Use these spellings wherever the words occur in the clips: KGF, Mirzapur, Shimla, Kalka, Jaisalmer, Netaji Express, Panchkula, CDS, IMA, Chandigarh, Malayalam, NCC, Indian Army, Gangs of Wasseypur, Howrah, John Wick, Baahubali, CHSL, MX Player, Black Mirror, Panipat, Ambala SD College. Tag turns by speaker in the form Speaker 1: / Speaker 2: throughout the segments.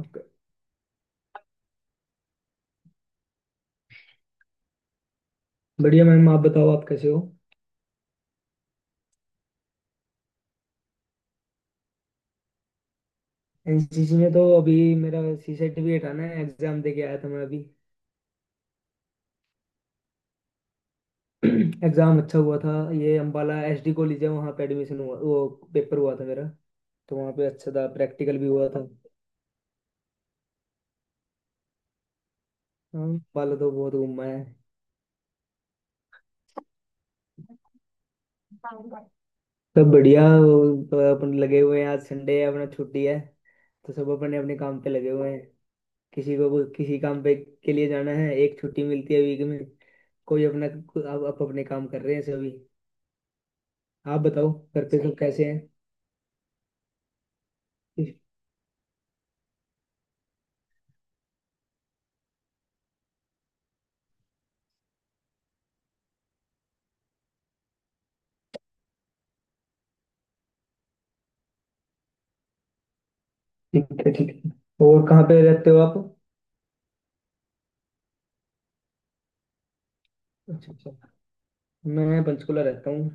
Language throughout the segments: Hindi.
Speaker 1: ओके। बढ़िया मैम, आप बताओ आप कैसे हो। एनसीसी में तो अभी मेरा सीसेट भी हटाना है, एग्जाम दे के आया था मैं अभी। एग्जाम अच्छा हुआ था। ये अम्बाला एसडी कॉलेज है, वहाँ पे एडमिशन हुआ, वो पेपर हुआ था मेरा तो वहाँ पे अच्छा था। प्रैक्टिकल भी हुआ था। हाँ, अम्बाला तो बहुत घूमा है। सब बढ़िया। वो तो अपन लगे हुए हैं, आज संडे है अपना छुट्टी है तो सब अपने अपने काम पे लगे हुए हैं। किसी काम पे के लिए जाना है, एक छुट्टी मिलती है वीक में। कोई अपना आप अपने काम कर रहे हैं सभी। आप बताओ, घर पे सब कैसे हैं। ठीक है, ठीक है। और कहाँ पे रहते हो आप। अच्छा, अच्छा। मैं पंचकुला रहता हूँ।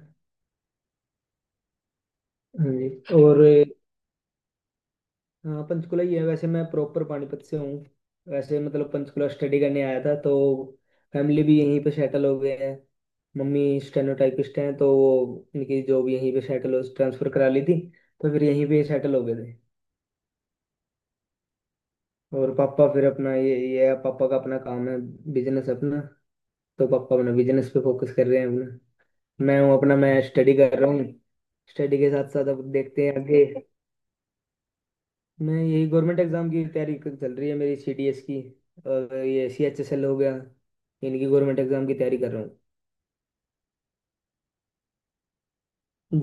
Speaker 1: हाँ जी। और हाँ, पंचकुला ही है, वैसे मैं प्रॉपर पानीपत से हूँ। वैसे मतलब पंचकुला स्टडी करने आया था तो फैमिली भी यहीं पे सेटल हो गए हैं। मम्मी स्टेनोटाइपिस्ट हैं, तो वो उनकी जॉब यहीं पे सेटल हो ट्रांसफर करा ली थी तो फिर यहीं पे सेटल हो गए थे। और पापा फिर अपना ये है, पापा का अपना काम है, बिजनेस अपना। तो पापा अपना बिजनेस पे फोकस कर रहे हैं अपना। मैं हूँ अपना, मैं स्टडी कर रहा हूँ। स्टडी के साथ साथ अब देखते हैं आगे। मैं यही गवर्नमेंट एग्जाम की तैयारी चल रही है मेरी सीडीएस की। और ये सीएचएसएल हो गया। इनकी गवर्नमेंट एग्जाम की तैयारी कर रहा हूँ।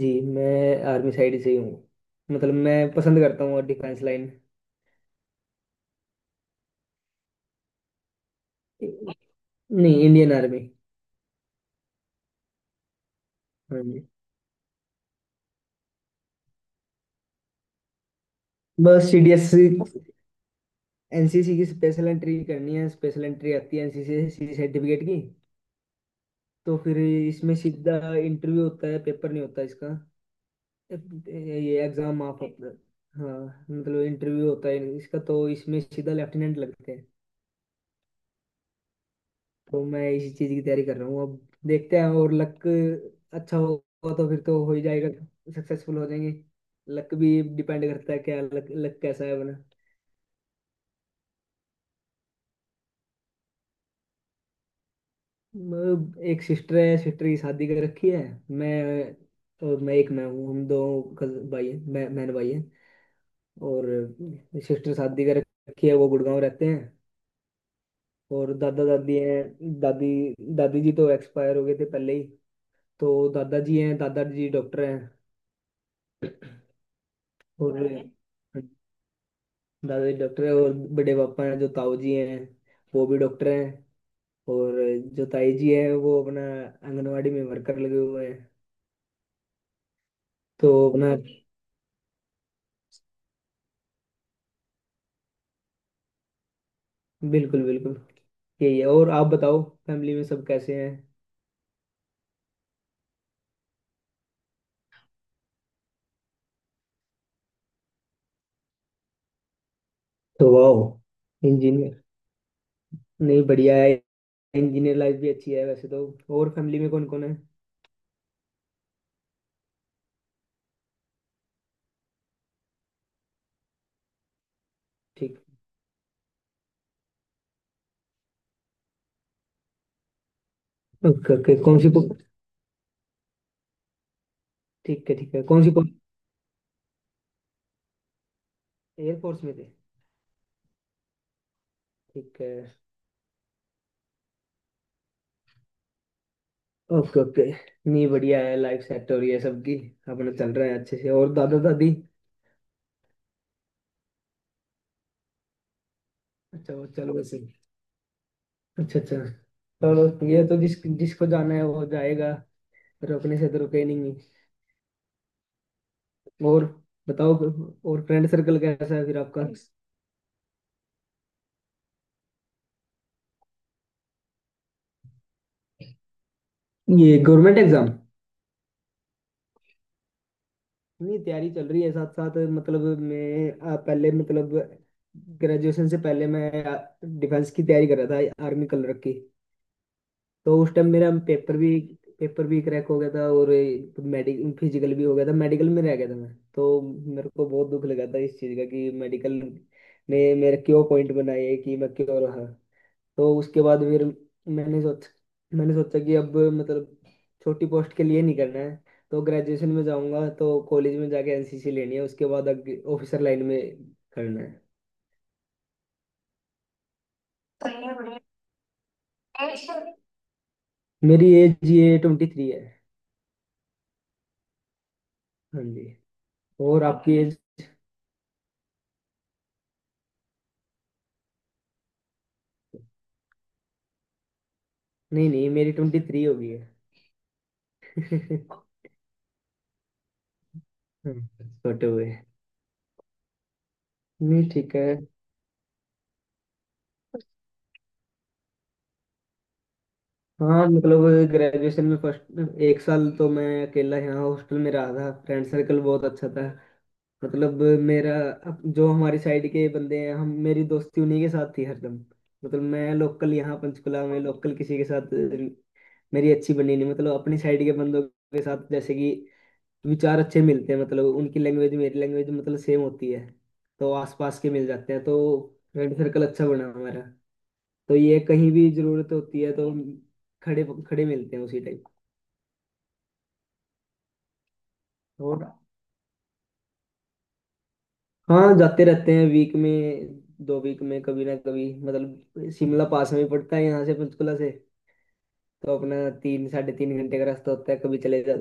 Speaker 1: जी मैं आर्मी साइड से ही हूँ, मतलब मैं पसंद करता हूँ और डिफेंस लाइन। नहीं, इंडियन आर्मी। हाँ जी। बस सीडीएस एनसीसी की स्पेशल एंट्री करनी है, स्पेशल एंट्री आती है एनसीसी से सर्टिफिकेट की। तो फिर इसमें सीधा इंटरव्यू होता है, पेपर नहीं होता इसका। अब ये एग्जाम आप हाँ, मतलब इंटरव्यू होता है इसका तो इसमें सीधा लेफ्टिनेंट लगते हैं। तो मैं इसी चीज की तैयारी कर रहा हूँ, अब देखते हैं। और लक अच्छा होगा तो फिर तो हो ही जाएगा, सक्सेसफुल हो जाएंगे। लक भी डिपेंड करता है, क्या लक लक कैसा है बना। एक सिस्टर है, सिस्टर की शादी कर रखी है। मैं और मैं एक मैं हूँ, हम दो भाई हैं, मैं बहन भाई हैं। और सिस्टर शादी कर रखी है, वो गुड़गांव रहते हैं। और दादा दादी हैं। दादी दादी जी तो एक्सपायर हो गए थे पहले ही। तो दादाजी हैं, दादाजी डॉक्टर हैं। और दादाजी डॉक्टर हैं, और बड़े पापा हैं जो ताऊ जी हैं। वो भी डॉक्टर हैं। और जो ताई जी हैं, वो अपना आंगनवाड़ी में वर्कर लगे हुए हैं। तो अपना। बिल्कुल, बिल्कुल। यही है, और आप बताओ, फैमिली में सब कैसे हैं। तो वाह इंजीनियर। नहीं, बढ़िया है, इंजीनियर लाइफ भी अच्छी है वैसे तो। और फैमिली में कौन कौन है। ठीक। Okay, okay. कौन सी। ठीक है, ठीक है। कौन सी, कौन? एयरफोर्स में थे। ठीक है। Okay, okay. नहीं, बढ़िया है। लाइफ सेट हो रही है सबकी। अपना चल रहा है अच्छे से। और दादा दादी? अच्छा, वो चलो वैसे। अच्छा, अच्छा। चलो, ये तो जिस जिसको जाना है वो जाएगा। रोकने से तो रुके ही नहीं। और बताओ, और फ्रेंड सर्कल कैसा है फिर आपका। ये गवर्नमेंट एग्जाम? नहीं, तैयारी चल रही है साथ साथ, मतलब मैं पहले मतलब, ग्रेजुएशन से पहले मैं डिफेंस की तैयारी कर रहा था, आर्मी कलर की। तो उस टाइम मेरा पेपर भी क्रैक हो गया था और मेडिकल फिजिकल भी हो गया था, मेडिकल में रह गया था मैं तो। मेरे को बहुत दुख लगा था इस चीज़ का कि मेडिकल ने मेरा क्यों पॉइंट बनाया है, कि मैं क्यों रहा। तो उसके बाद फिर मैंने सोच मैंने सोचा कि अब मतलब छोटी पोस्ट के लिए नहीं करना है। तो ग्रेजुएशन में जाऊंगा तो कॉलेज में जाके एनसीसी लेनी है, उसके बाद आगे ऑफिसर लाइन में करना है। मेरी एज ये 23 है। हाँ जी। और आपकी एज? नहीं, नहीं, मेरी 23 हो गई है। हम्म। छोटे हुए। नहीं, ठीक है। हाँ, मतलब ग्रेजुएशन में फर्स्ट एक साल तो मैं अकेला यहाँ हॉस्टल में रहा था, फ्रेंड सर्कल बहुत अच्छा था। मतलब मेरा जो हमारी साइड के बंदे हैं, हम मेरी दोस्ती उन्हीं के साथ थी हरदम। मतलब मैं लोकल यहाँ पंचकुला में लोकल किसी के साथ मेरी अच्छी बनी नहीं, मतलब अपनी साइड के बंदों के साथ जैसे कि विचार अच्छे मिलते हैं, मतलब उनकी लैंग्वेज मेरी लैंग्वेज मतलब सेम होती है। तो आसपास के मिल जाते हैं तो फ्रेंड सर्कल अच्छा बना हमारा। तो ये कहीं भी जरूरत होती है तो खड़े खड़े मिलते हैं उसी टाइप। और हाँ, जाते रहते हैं वीक में, 2 वीक में कभी ना कभी, मतलब शिमला पास में ही पड़ता है यहाँ से, पंचकुला से। तो अपना 3 साढ़े 3 घंटे का रास्ता होता है, कभी चले जा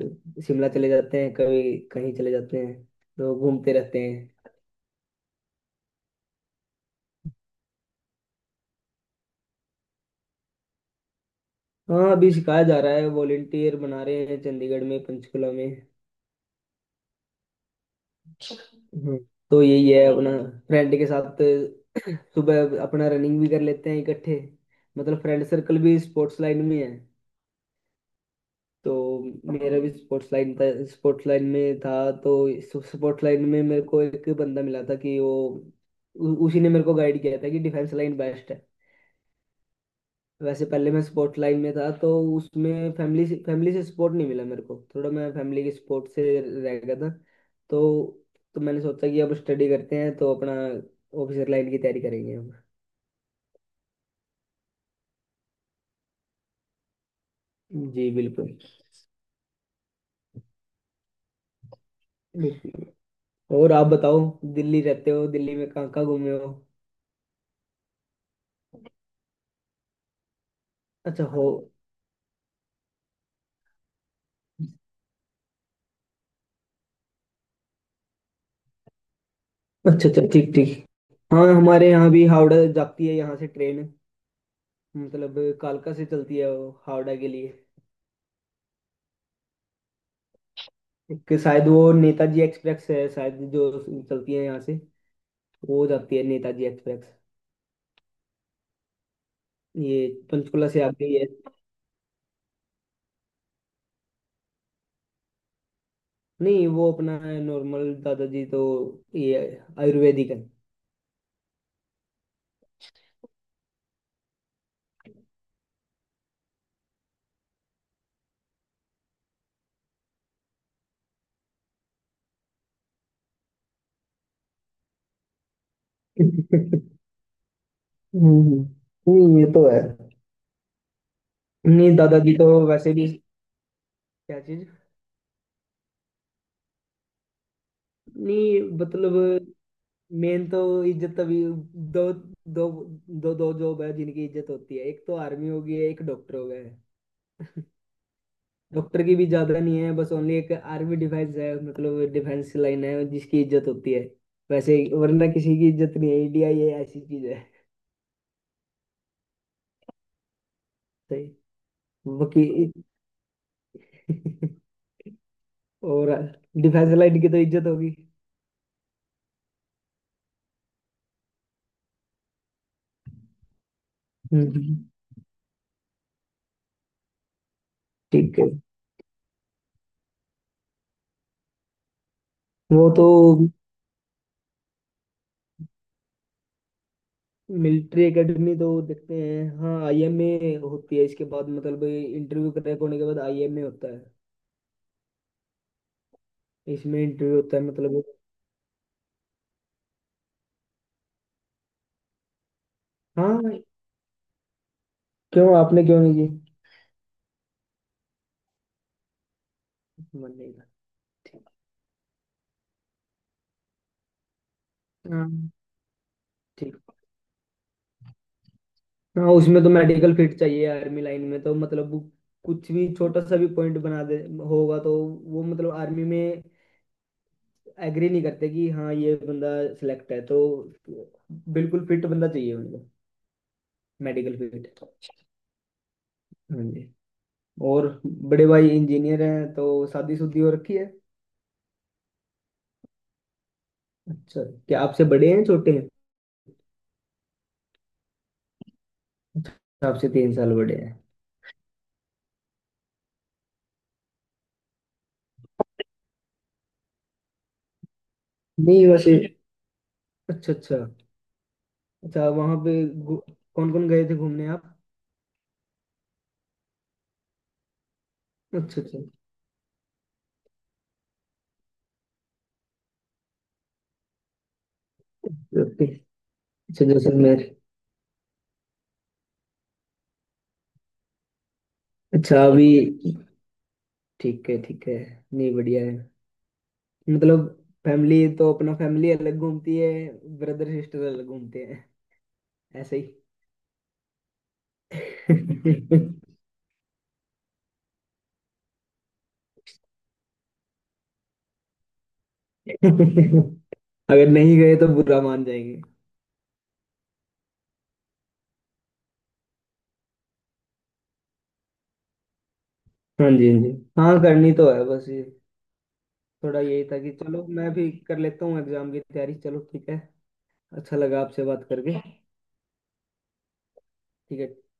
Speaker 1: शिमला चले जाते हैं, कभी कहीं चले जाते हैं तो घूमते रहते हैं। हाँ, अभी सिखाया जा रहा है, वॉलेंटियर बना रहे हैं चंडीगढ़ में, पंचकुला में। हम्म। तो यही है अपना। फ्रेंड के साथ सुबह अपना रनिंग भी कर लेते हैं इकट्ठे, मतलब फ्रेंड सर्कल भी स्पोर्ट्स लाइन में है। तो मेरा भी स्पोर्ट्स लाइन था स्पोर्ट्स लाइन में था तो, स्पोर्ट्स लाइन में मेरे को एक बंदा मिला था कि वो, उसी ने मेरे को गाइड किया था कि डिफेंस लाइन बेस्ट है। वैसे पहले मैं स्पोर्ट लाइन में था तो उसमें फैमिली से सपोर्ट नहीं मिला मेरे को। थोड़ा मैं फैमिली के सपोर्ट से रह गया था। तो तो मैंने सोचा कि अब स्टडी करते हैं, तो अपना ऑफिसर लाइन की तैयारी करेंगे हम। जी बिल्कुल, बिल्कुल। और आप बताओ, दिल्ली रहते हो, दिल्ली में कहाँ कहाँ घूमे हो। अच्छा हो। अच्छा, अच्छा। ठीक, ठीक। हाँ, हमारे यहाँ भी हावड़ा जाती है यहाँ से ट्रेन, मतलब कालका से चलती है वो हावड़ा के लिए। एक शायद वो नेताजी एक्सप्रेस है शायद, जो चलती है यहाँ से। वो हो जाती है नेताजी एक्सप्रेस, ये पंचकुला से आती है। नहीं, वो अपना नॉर्मल दादाजी तो ये आयुर्वेदिक है। हम्म, नहीं ये तो है। नहीं, दादाजी तो वैसे भी क्या चीज। नहीं मतलब मेन तो इज्जत तभी, दो दो दो दो जॉब है जिनकी इज्जत होती है, एक तो आर्मी हो गई है, एक डॉक्टर हो गया है। डॉक्टर की भी ज्यादा नहीं है, बस ओनली एक आर्मी डिफेंस है, मतलब डिफेंस लाइन है जिसकी इज्जत होती है। वैसे ही, वरना किसी की इज्जत नहीं है, इंडिया ये ऐसी चीज है। सही। वकी। और डिफेंस लाइन की तो इज्जत होगी। हम्म। ठीक है। वो तो मिलिट्री एकेडमी तो देखते हैं, हाँ आईएमए होती है इसके बाद, मतलब इंटरव्यू क्रैक होने के बाद आईएमए होता है। इसमें इंटरव्यू होता है मतलब। हाँ। क्यों आपने क्यों नहीं की? मन नहीं था? ठीक। हाँ। ठीक। हाँ, उसमें तो मेडिकल फिट चाहिए आर्मी लाइन में, तो मतलब वो कुछ भी छोटा सा भी पॉइंट बना दे होगा तो, वो मतलब आर्मी में एग्री नहीं करते कि हाँ ये बंदा सिलेक्ट है, तो बिल्कुल फिट बंदा चाहिए उनको। Medical fit. हाँ जी। और बड़े भाई इंजीनियर हैं तो शादी शुदी हो रखी है? अच्छा। क्या आपसे बड़े हैं, छोटे हैं? अच्छा, आपसे 3 साल बड़े हैं। नहीं वैसे। अच्छा, अच्छा। अच्छा वहां पे कौन कौन गए थे घूमने आप? अच्छा, अच्छा। ओके। अच्छा जैसलमेर। अच्छा, अभी। ठीक है, ठीक है। नहीं, बढ़िया है, मतलब फैमिली तो अपना, फैमिली अलग घूमती है, ब्रदर सिस्टर अलग घूमते हैं ऐसे ही। अगर नहीं गए तो बुरा मान जाएंगे। हाँ जी, हाँ जी। हाँ, करनी तो है बस ये, थोड़ा यही था कि चलो मैं भी कर लेता हूँ एग्जाम की तैयारी, चलो ठीक है। अच्छा लगा आपसे बात करके। ठीक है।